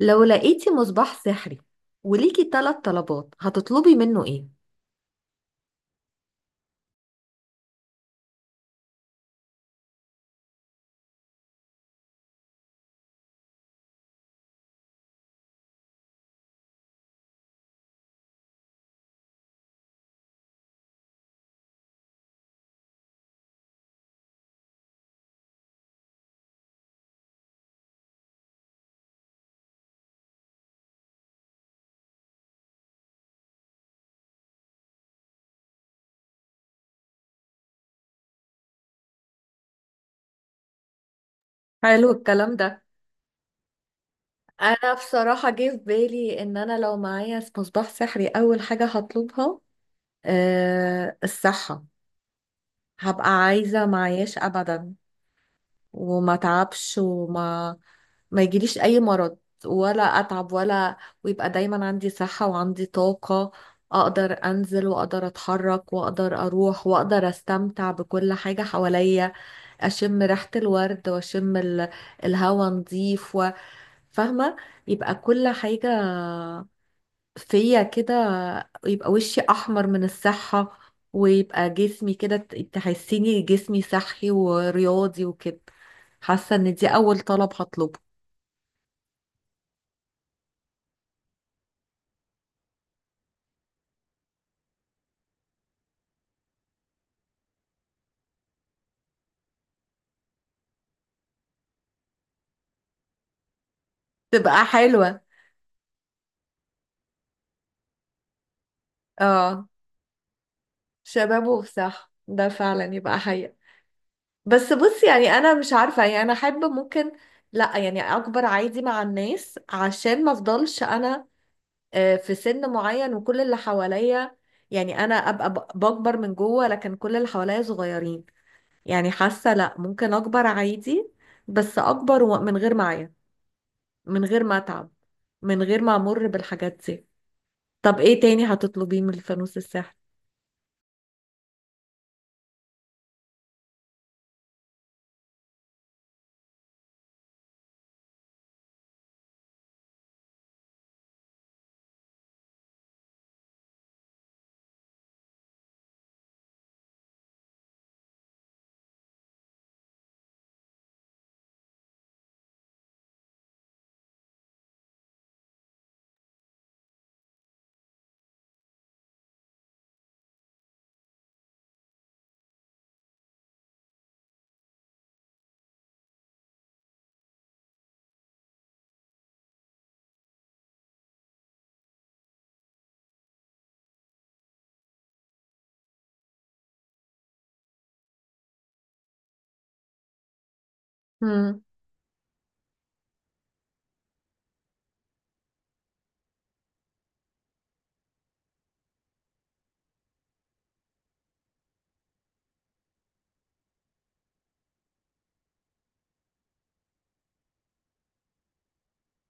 لو لقيتي مصباح سحري وليكي ثلاث طلبات هتطلبي منه ايه؟ حلو الكلام ده. انا بصراحة جه في بالي ان انا لو معايا مصباح سحري اول حاجة هطلبها أه، الصحة. هبقى عايزة معياش ابدا وما تعبش ما يجيليش اي مرض ولا اتعب ولا ويبقى دايما عندي صحة وعندي طاقة، اقدر انزل واقدر اتحرك واقدر اروح واقدر استمتع بكل حاجة حواليا. اشم ريحة الورد واشم الهوا نضيف فاهمة؟ يبقى كل حاجة فيا كده، يبقى وشي احمر من الصحة، ويبقى جسمي كده تحسيني جسمي صحي ورياضي وكده. حاسة ان دي اول طلب هطلبه. تبقى حلوة. اه، شباب وصح، ده فعلا يبقى حقيقة. بس بصي، يعني انا مش عارفة، يعني انا احب ممكن، لا يعني اكبر عادي مع الناس عشان ما افضلش انا في سن معين وكل اللي حواليا، يعني انا ابقى بكبر من جوه لكن كل اللي حواليا صغيرين. يعني حاسه لا، ممكن اكبر عادي، بس اكبر من غير معايا، من غير ما اتعب، من غير ما امر بالحاجات دي. طب ايه تاني هتطلبيه من الفانوس السحري؟ امم،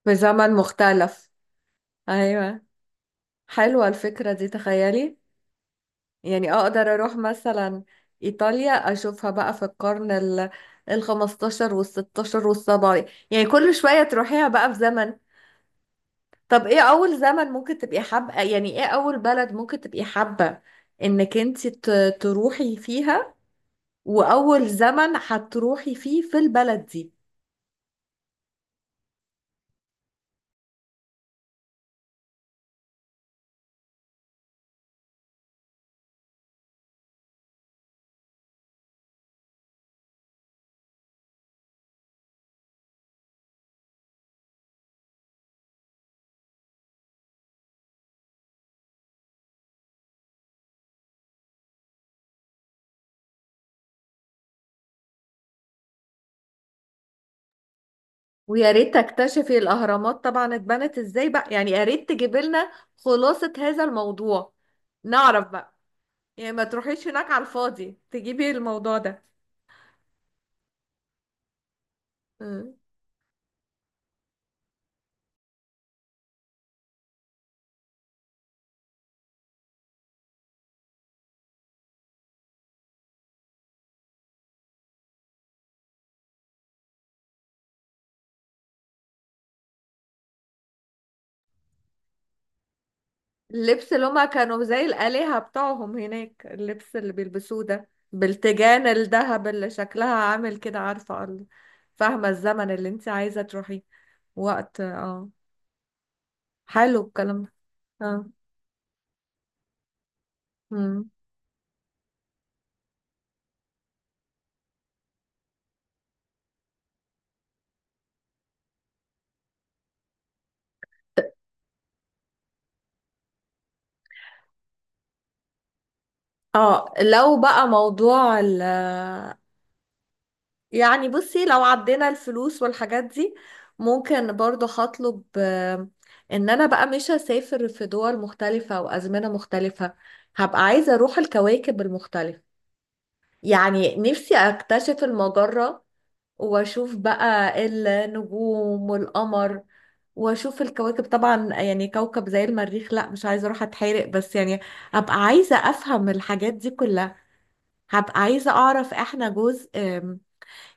في زمن مختلف. ايوه، حلوه الفكره دي، تخيلي. يعني اقدر اروح مثلا ايطاليا اشوفها بقى في القرن ال 15 وال 16 وال 17، يعني كل شوية تروحيها بقى في زمن. طب ايه اول زمن ممكن تبقي حابة، يعني ايه اول بلد ممكن تبقي حابة انك انت تروحي فيها، واول زمن هتروحي فيه في البلد دي؟ ويا ريت تكتشفي الاهرامات طبعا اتبنت ازاي بقى، يعني يا ريت تجيب لنا خلاصة هذا الموضوع، نعرف بقى، يعني ما تروحيش هناك على الفاضي تجيبي الموضوع ده. مم. اللبس اللي هما كانوا زي الآلهة بتاعهم هناك، اللبس اللي بيلبسوه ده بالتيجان الذهب اللي شكلها عامل كده، عارفة فاهمة الزمن اللي انت عايزة تروحيه، وقت؟ اه. حلو الكلام ده. اه. مم. اه، لو بقى موضوع يعني بصي، لو عدينا الفلوس والحاجات دي، ممكن برضو هطلب ان انا بقى مش هسافر في دول مختلفة وازمنة مختلفة، هبقى عايزة اروح الكواكب المختلفة. يعني نفسي اكتشف المجرة، واشوف بقى النجوم والقمر، واشوف الكواكب طبعا، يعني كوكب زي المريخ لا مش عايزة اروح اتحرق بس، يعني ابقى عايزة افهم الحاجات دي كلها. هبقى عايزة اعرف احنا جزء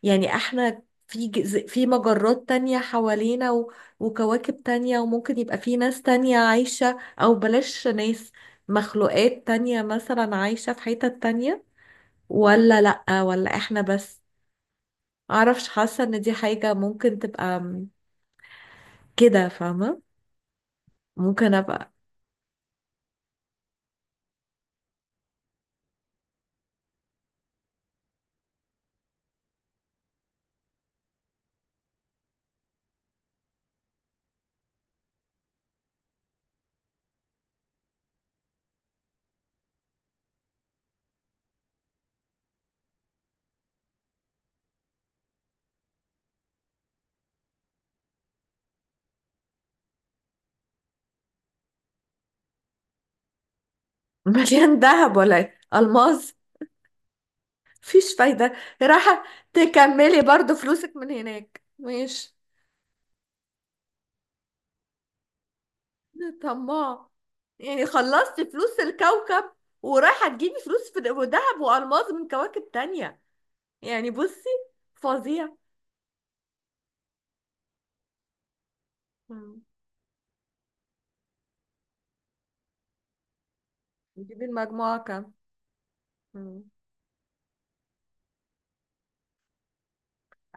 يعني احنا في في مجرات تانية حوالينا وكواكب تانية، وممكن يبقى في ناس تانية عايشة، او بلاش ناس، مخلوقات تانية مثلا عايشة في حتت تانية، ولا لأ ولا احنا بس؟ معرفش، حاسة ان دي حاجة ممكن تبقى كده، فاهمة؟ ممكن ابقى مليان دهب ولا إيه؟ ألماس؟ مفيش فايدة. راحة. تكملي برضو فلوسك من هناك، ماشي. طماع، يعني خلصتي فلوس الكوكب ورايحة تجيبي فلوس في دهب وألماس من كواكب تانية، يعني بصي، فظيع. مم. جيبي المجموعة كام. مم.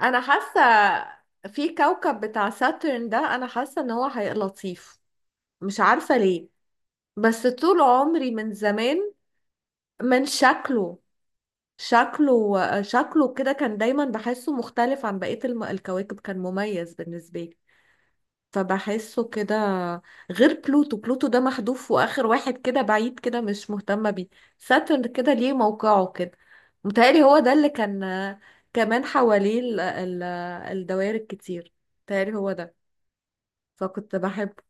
انا حاسه في كوكب بتاع ساترن ده، انا حاسه ان هو هيبقى لطيف. مش عارفه ليه، بس طول عمري من زمان، من شكله. شكله كده كان دايما بحسه مختلف عن بقيه الكواكب، كان مميز بالنسبه لي، فبحسه كده. غير بلوتو، بلوتو ده محذوف واخر واحد كده بعيد كده، مش مهتمه بيه. ساترن كده ليه موقعه كده، متهيألي هو ده اللي كان كمان حواليه الدوائر الكتير، متهيألي هو ده، فكنت بحبه.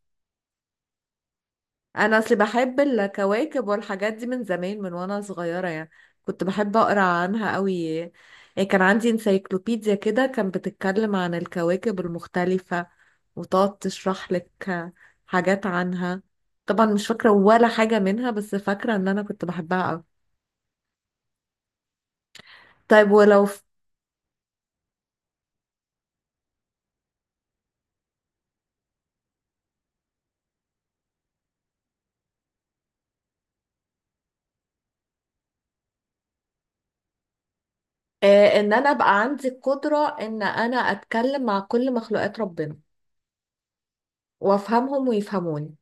انا اصلي بحب الكواكب والحاجات دي من زمان، من وانا صغيره يعني. كنت بحب اقرا عنها قوي. يعني كان عندي انسايكلوبيديا كده كان بتتكلم عن الكواكب المختلفه، وتقعد تشرح لك حاجات عنها. طبعا مش فاكره ولا حاجه منها، بس فاكره ان انا كنت بحبها قوي. طيب ولو ف... ان انا ابقى عندي القدره ان انا اتكلم مع كل مخلوقات ربنا، وافهمهم ويفهموني.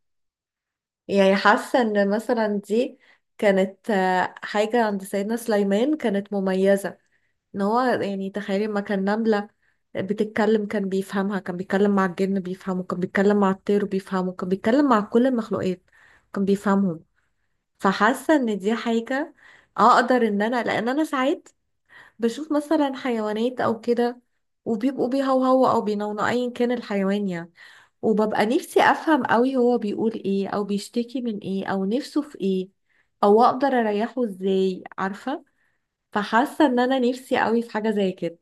يعني حاسة ان مثلا دي كانت حاجة عند سيدنا سليمان كانت مميزة، ان هو يعني تخيلي ما كان نملة بتتكلم كان بيفهمها، كان بيتكلم مع الجن بيفهمه، كان بيتكلم مع الطير بيفهمه، كان بيتكلم مع كل المخلوقات كان بيفهمهم. فحاسة ان دي حاجة اقدر ان انا، لان انا ساعات بشوف مثلا حيوانات او كده وبيبقوا بيهوهوا او بينونوا ايا كان الحيوان، يعني وببقى نفسي افهم قوي هو بيقول ايه او بيشتكي من ايه او نفسه في ايه او اقدر اريحه ازاي، عارفة؟ فحاسة ان انا نفسي قوي في حاجة زي كده.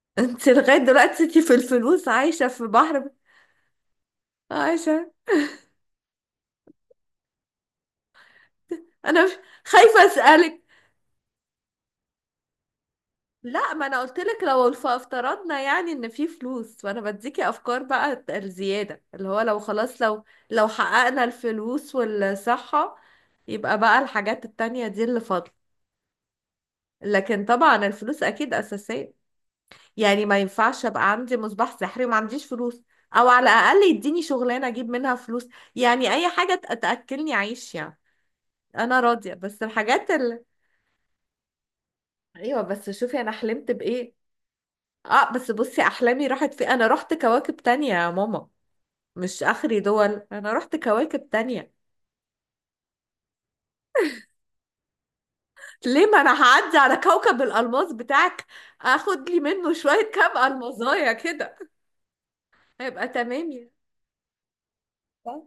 انت لغاية دلوقتي انت في الفلوس عايشة، في بحر عايشة. انا مش خايفة اسألك. لا، ما انا قلت لك لو افترضنا يعني ان في فلوس، فانا بديكي افكار بقى الزيادة، اللي هو لو خلاص، لو لو حققنا الفلوس والصحة يبقى بقى الحاجات التانية دي اللي فاضلة. لكن طبعا الفلوس اكيد اساسيه، يعني ما ينفعش ابقى عندي مصباح سحري وما عنديش فلوس، او على الاقل يديني شغلانه اجيب منها فلوس، يعني اي حاجه تاكلني عيش يعني، انا راضيه. بس الحاجات ال... ايوه بس شوفي انا حلمت بايه. اه بس بصي، احلامي راحت في، انا رحت كواكب تانية يا ماما، مش اخري دول، انا رحت كواكب تانية. ليه؟ ما انا هعدي على كوكب الالماس بتاعك اخد لي منه شويه كام المظايا كده، هيبقى تمام يعني. صح؟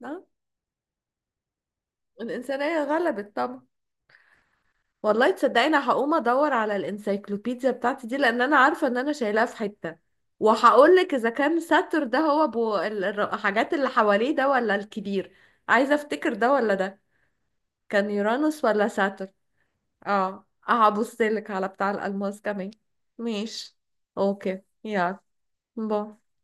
صح؟ الإنسانية غلبت طبعا. والله تصدقيني هقوم ادور على الانسايكلوبيديا بتاعتي دي، لان انا عارفة ان انا شايلاها في حتة، وهقول لك اذا كان ساتر ده هو ابو الحاجات اللي حواليه ده ولا الكبير. عايزة افتكر ده ولا ده، كان يورانوس ولا ساتر. اه، هبص لك على بتاع الالماس كمان. ماشي. اوكي، يلا. باي.